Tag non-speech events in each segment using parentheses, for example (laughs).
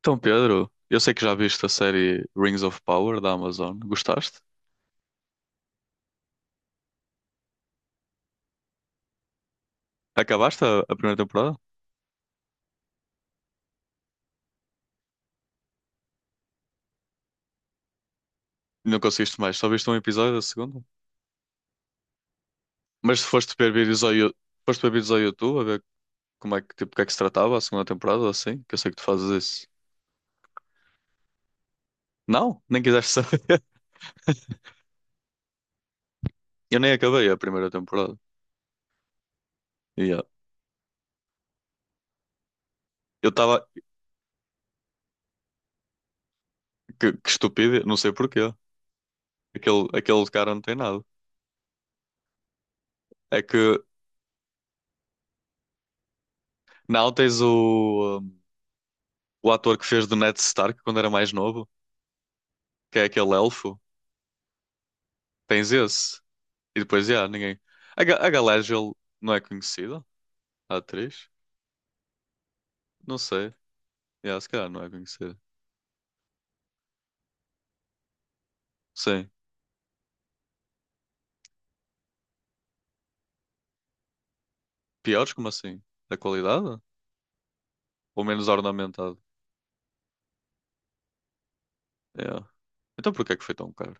Então, Pedro, eu sei que já viste a série Rings of Power da Amazon. Gostaste? Acabaste a primeira temporada? Não conseguiste mais, só viste um episódio da segunda? Mas se foste ver vídeos ao YouTube a ver como é que, tipo, o que é que se tratava a segunda temporada, assim, que eu sei que tu fazes isso. Não, nem quiseste saber. (laughs) Eu nem acabei a primeira temporada. Yeah. Eu estava. Que estúpido, não sei porquê. Aquele cara não tem nada. É que não tens o ator que fez do Ned Stark quando era mais novo, que é aquele elfo. Tens esse. E depois, já, ninguém. A Galadriel não é conhecida? A atriz? Não sei. Yeah, se calhar não é conhecida. Sim. Piores, como assim? Da qualidade? Ou menos ornamentado? Yeah. Então porquê é que foi tão caro?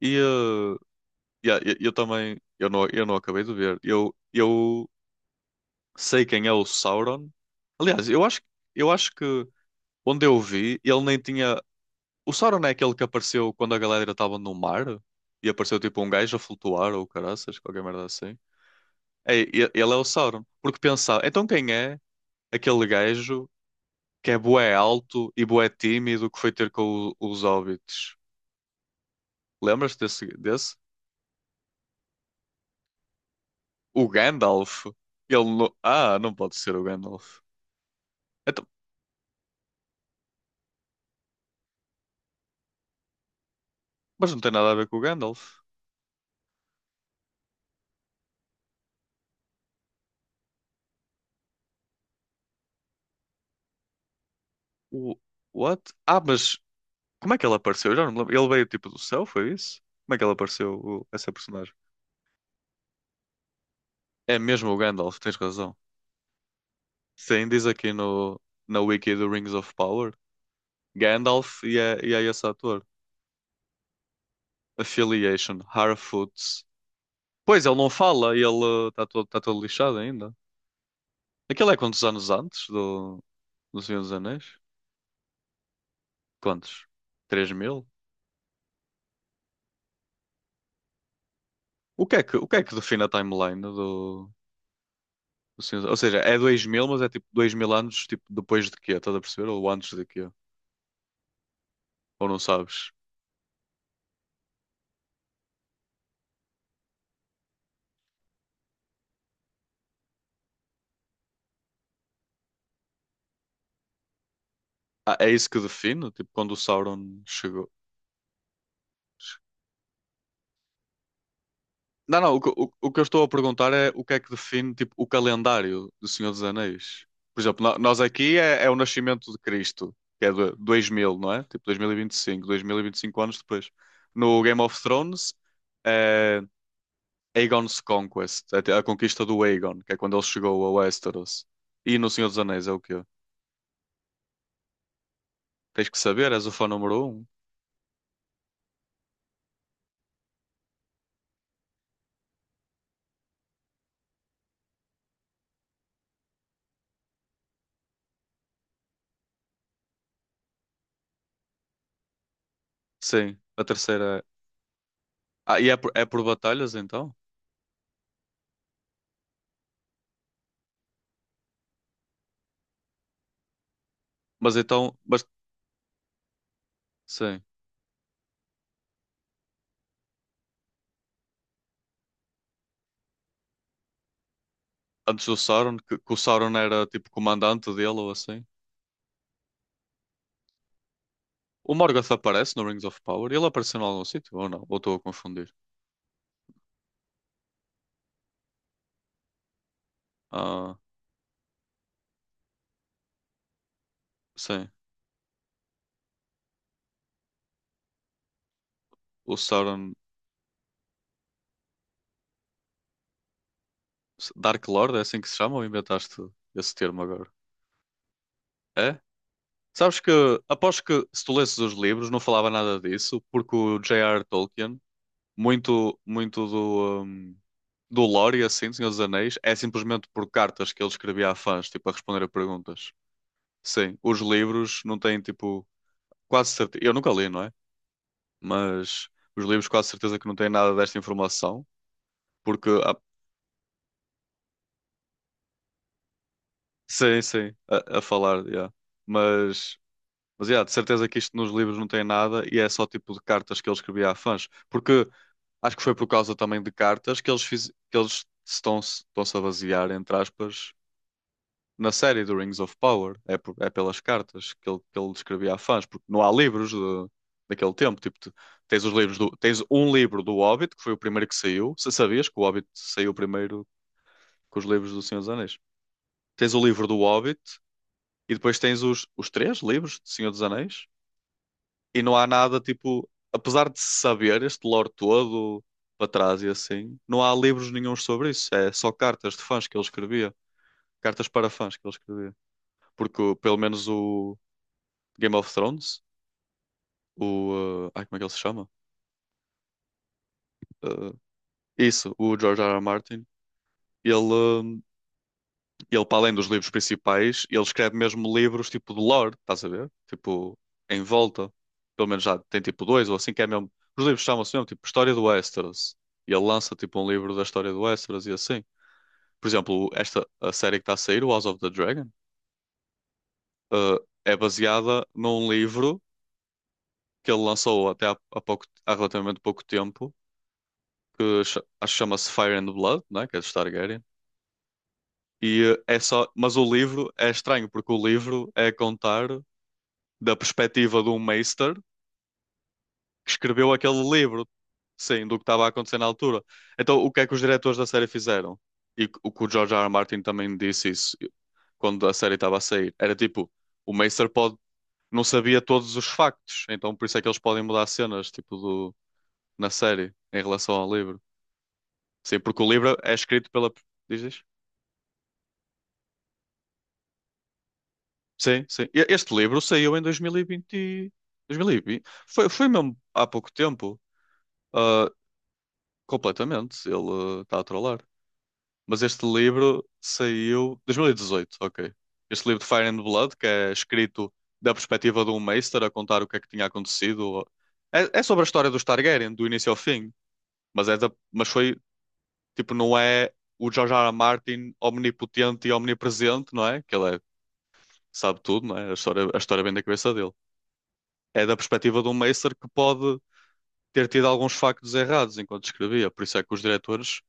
E yeah, eu também. Eu não acabei de ver. Eu sei quem é o Sauron. Aliás, eu acho que onde eu vi, ele nem tinha. O Sauron é aquele que apareceu quando a galera estava no mar e apareceu tipo um gajo a flutuar ou caraças, qualquer merda assim. É, ele é o Sauron. Porque pensar, então quem é aquele gajo que é bué alto e bué tímido que foi ter com os hobbits? Lembras-te desse, desse? O Gandalf. Ele não. Ah, não pode ser o Gandalf. Então, mas não tem nada a ver com o Gandalf. O. What? Ah, mas como é que ele apareceu? Eu já não me lembro. Ele veio tipo do céu, foi isso? Como é que ele apareceu, essa personagem? É mesmo o Gandalf, tens razão. Sim, diz aqui no, na wiki do Rings of Power. Gandalf e é esse ator. Affiliation, Harfoots. Pois, ele não fala, e ele está todo, tá todo lixado ainda. Aquilo é quantos anos antes do, do Senhor dos Anéis? Quantos? 3000? O que é que, o que é que define a timeline do, do Senhor dos. Ou seja, é dois mil, mas é tipo 2000 anos, tipo, depois de quê? Estás a perceber? Ou antes de quê? Ou não sabes? Ah, é isso que define? Tipo, quando o Sauron chegou. Não, não, o, que o que eu estou a perguntar é o que é que define, tipo, o calendário do Senhor dos Anéis. Por exemplo, nós aqui é, é o nascimento de Cristo, que é de dois mil, não é? Tipo, dois mil e vinte e cinco, dois mil e vinte cinco, e cinco anos depois. No Game of Thrones é Aegon's Conquest, é a conquista do Aegon, que é quando ele chegou a Westeros. E no Senhor dos Anéis é o quê? Tens que saber, és o fã número um? Sim, a terceira é. Ah, e é por batalhas, então? Mas então. Mas, sim, antes do Sauron, que o Sauron era tipo comandante dele ou assim. O Morgoth aparece no Rings of Power? Ele apareceu em algum sítio ou não? Ou estou a confundir? Ah, sim. O Sauron. Dark Lord é assim que se chama ou inventaste esse termo agora? É? Sabes que, aposto que se tu lesses os livros não falava nada disso, porque o J. R. Tolkien, muito, muito do, do lore e assim, do Senhor dos Anéis, é simplesmente por cartas que ele escrevia a fãs, tipo, a responder a perguntas. Sim, os livros não têm, tipo, quase certeza, eu nunca li, não é? Mas os livros quase certeza que não têm nada desta informação, porque sim, sim, a falar, yeah. Mas, mas yeah, de certeza que isto nos livros não tem nada e é só tipo de cartas que ele escrevia a fãs, porque acho que foi por causa também de cartas que eles estão-se a basear, entre aspas, na série do Rings of Power. É, é pelas cartas que ele descrevia a fãs, porque não há livros daquele tempo. Tipo, tens os livros do, tens um livro do Hobbit, que foi o primeiro que saiu. Se sabias que o Hobbit saiu primeiro que os livros do Senhor dos Anéis. Tens o livro do Hobbit e depois tens os três livros do Senhor dos Anéis. E não há nada, tipo, apesar de se saber este lore todo para trás e assim, não há livros nenhuns sobre isso. É só cartas de fãs que ele escrevia. Cartas para fãs que ele escrevia porque pelo menos o, Game of Thrones, o. Ai, como é que ele se chama? Uh, isso, o George R. R. Martin. Ele, ele, para além dos livros principais, ele escreve mesmo livros tipo de lore, estás a ver? Tipo, em volta. Pelo menos já tem tipo dois ou assim, que é mesmo. Os livros chamam-se mesmo tipo História do Westeros. E ele lança tipo um livro da história do Westeros e assim. Por exemplo, esta a série que está a sair, o House of the Dragon, uh, é baseada num livro que ele lançou até há pouco, há relativamente pouco tempo que acho que chama-se Fire and Blood, né? Que é de Targaryen. E é só, mas o livro é estranho porque o livro é contar da perspectiva de um Meister que escreveu aquele livro, sim, do que estava a acontecer na altura. Então, o que é que os diretores da série fizeram? E o que o George R. R. Martin também disse isso quando a série estava a sair. Era tipo, o Meister pode não sabia todos os factos, então por isso é que eles podem mudar cenas tipo do na série em relação ao livro. Sim, porque o livro é escrito pela dizes? Sim, sim. Este livro saiu em 2020. Foi mesmo há pouco tempo. Ah, completamente. Ele está a trollar. Mas este livro saiu 2018, ok. Este livro de Fire and Blood, que é escrito da perspectiva de um Meister a contar o que é que tinha acontecido. É, é sobre a história dos Targaryen, do início ao fim. Mas, é da, mas foi, tipo, não é o George R. R. Martin omnipotente e omnipresente, não é? Que ele é, sabe tudo, não é? A história vem da cabeça dele. É da perspectiva de um Meister que pode ter tido alguns factos errados enquanto escrevia. Por isso é que os diretores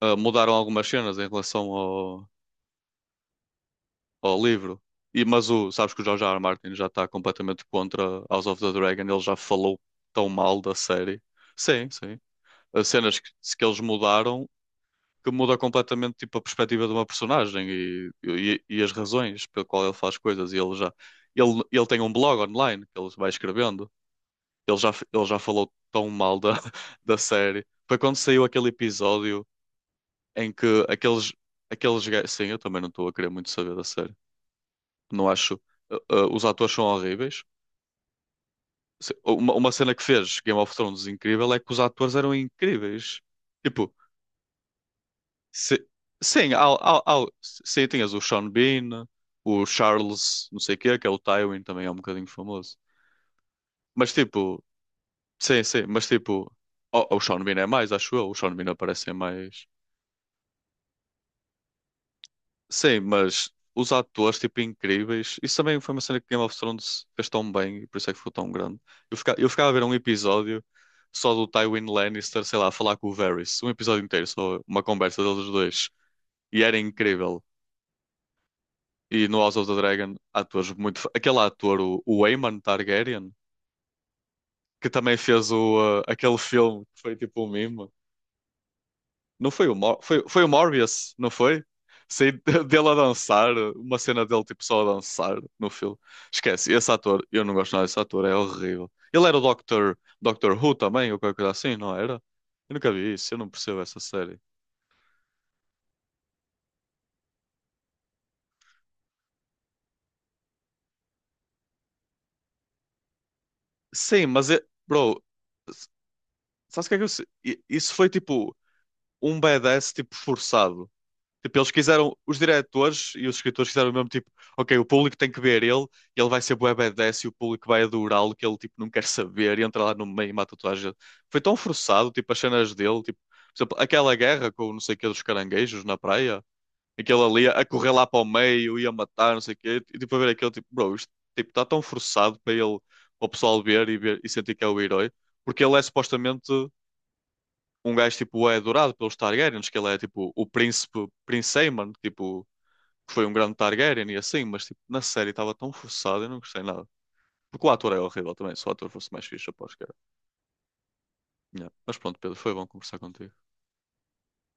mudaram algumas cenas em relação ao, ao livro. E, mas o, sabes que o George R. R. Martin já está completamente contra House of the Dragon, ele já falou tão mal da série. Sim, sim. As cenas que eles mudaram que muda completamente tipo, a perspectiva de uma personagem e as razões pelo qual ele faz coisas. E ele já ele, ele tem um blog online que ele vai escrevendo. Ele já falou tão mal da (laughs) da série. Foi quando saiu aquele episódio em que aqueles gajos. Sim, eu também não estou a querer muito saber da série. Não acho. Os atores são horríveis. Uma cena que fez Game of Thrones incrível é que os atores eram incríveis. Tipo, se- sim, sim, tinhas o Sean Bean, o Charles, não sei o quê, que é o Tywin, também é um bocadinho famoso. Mas tipo, sim, sim, mas tipo. O Sean Bean é mais, acho eu. O Sean Bean aparece em mais. Sim, mas os atores, tipo, incríveis. Isso também foi uma cena que Game of Thrones fez tão bem e por isso é que ficou tão grande. Eu ficava a ver um episódio só do Tywin Lannister, sei lá, a falar com o Varys. Um episódio inteiro, só uma conversa deles dois. E era incrível. E no House of the Dragon, atores muito. Aquele ator, o Aemon Targaryen, que também fez o, aquele filme que foi tipo um meme. Não foi o Morbius, não foi? Sei (laughs) dele a dançar, uma cena dele tipo só a dançar no filme. Esquece, esse ator, eu não gosto nada desse ator, é horrível. Ele era o Doctor Who também, ou qualquer coisa assim, não era? Eu nunca vi isso, eu não percebo essa série. Sim, mas, bro, s- sabes o que é que eu. Isso foi tipo um badass tipo forçado. Tipo, eles quiseram, os diretores e os escritores quiseram mesmo, tipo, ok, o público tem que ver ele, ele vai ser bué badass e o público vai adorá-lo, que ele, tipo, não quer saber e entra lá no meio e mata toda a gente. Foi tão forçado, tipo, as cenas dele, tipo, por exemplo, aquela guerra com o não sei o que dos caranguejos na praia, aquele ali a correr lá para o meio, e a matar, não sei o quê, e, tipo, a ver aquele, tipo, bro, isto, tipo, está tão forçado para ele, para o pessoal ver e sentir que é o herói, porque ele é supostamente um gajo, tipo, é adorado pelos Targaryens, que ele é, tipo, o príncipe, Prince Aemon, tipo que foi um grande Targaryen e assim, mas tipo, na série estava tão forçado, eu não gostei nada. Porque o ator é horrível também, se o ator fosse mais fixe, eu aposto que era. Yeah. Mas pronto, Pedro, foi bom conversar contigo.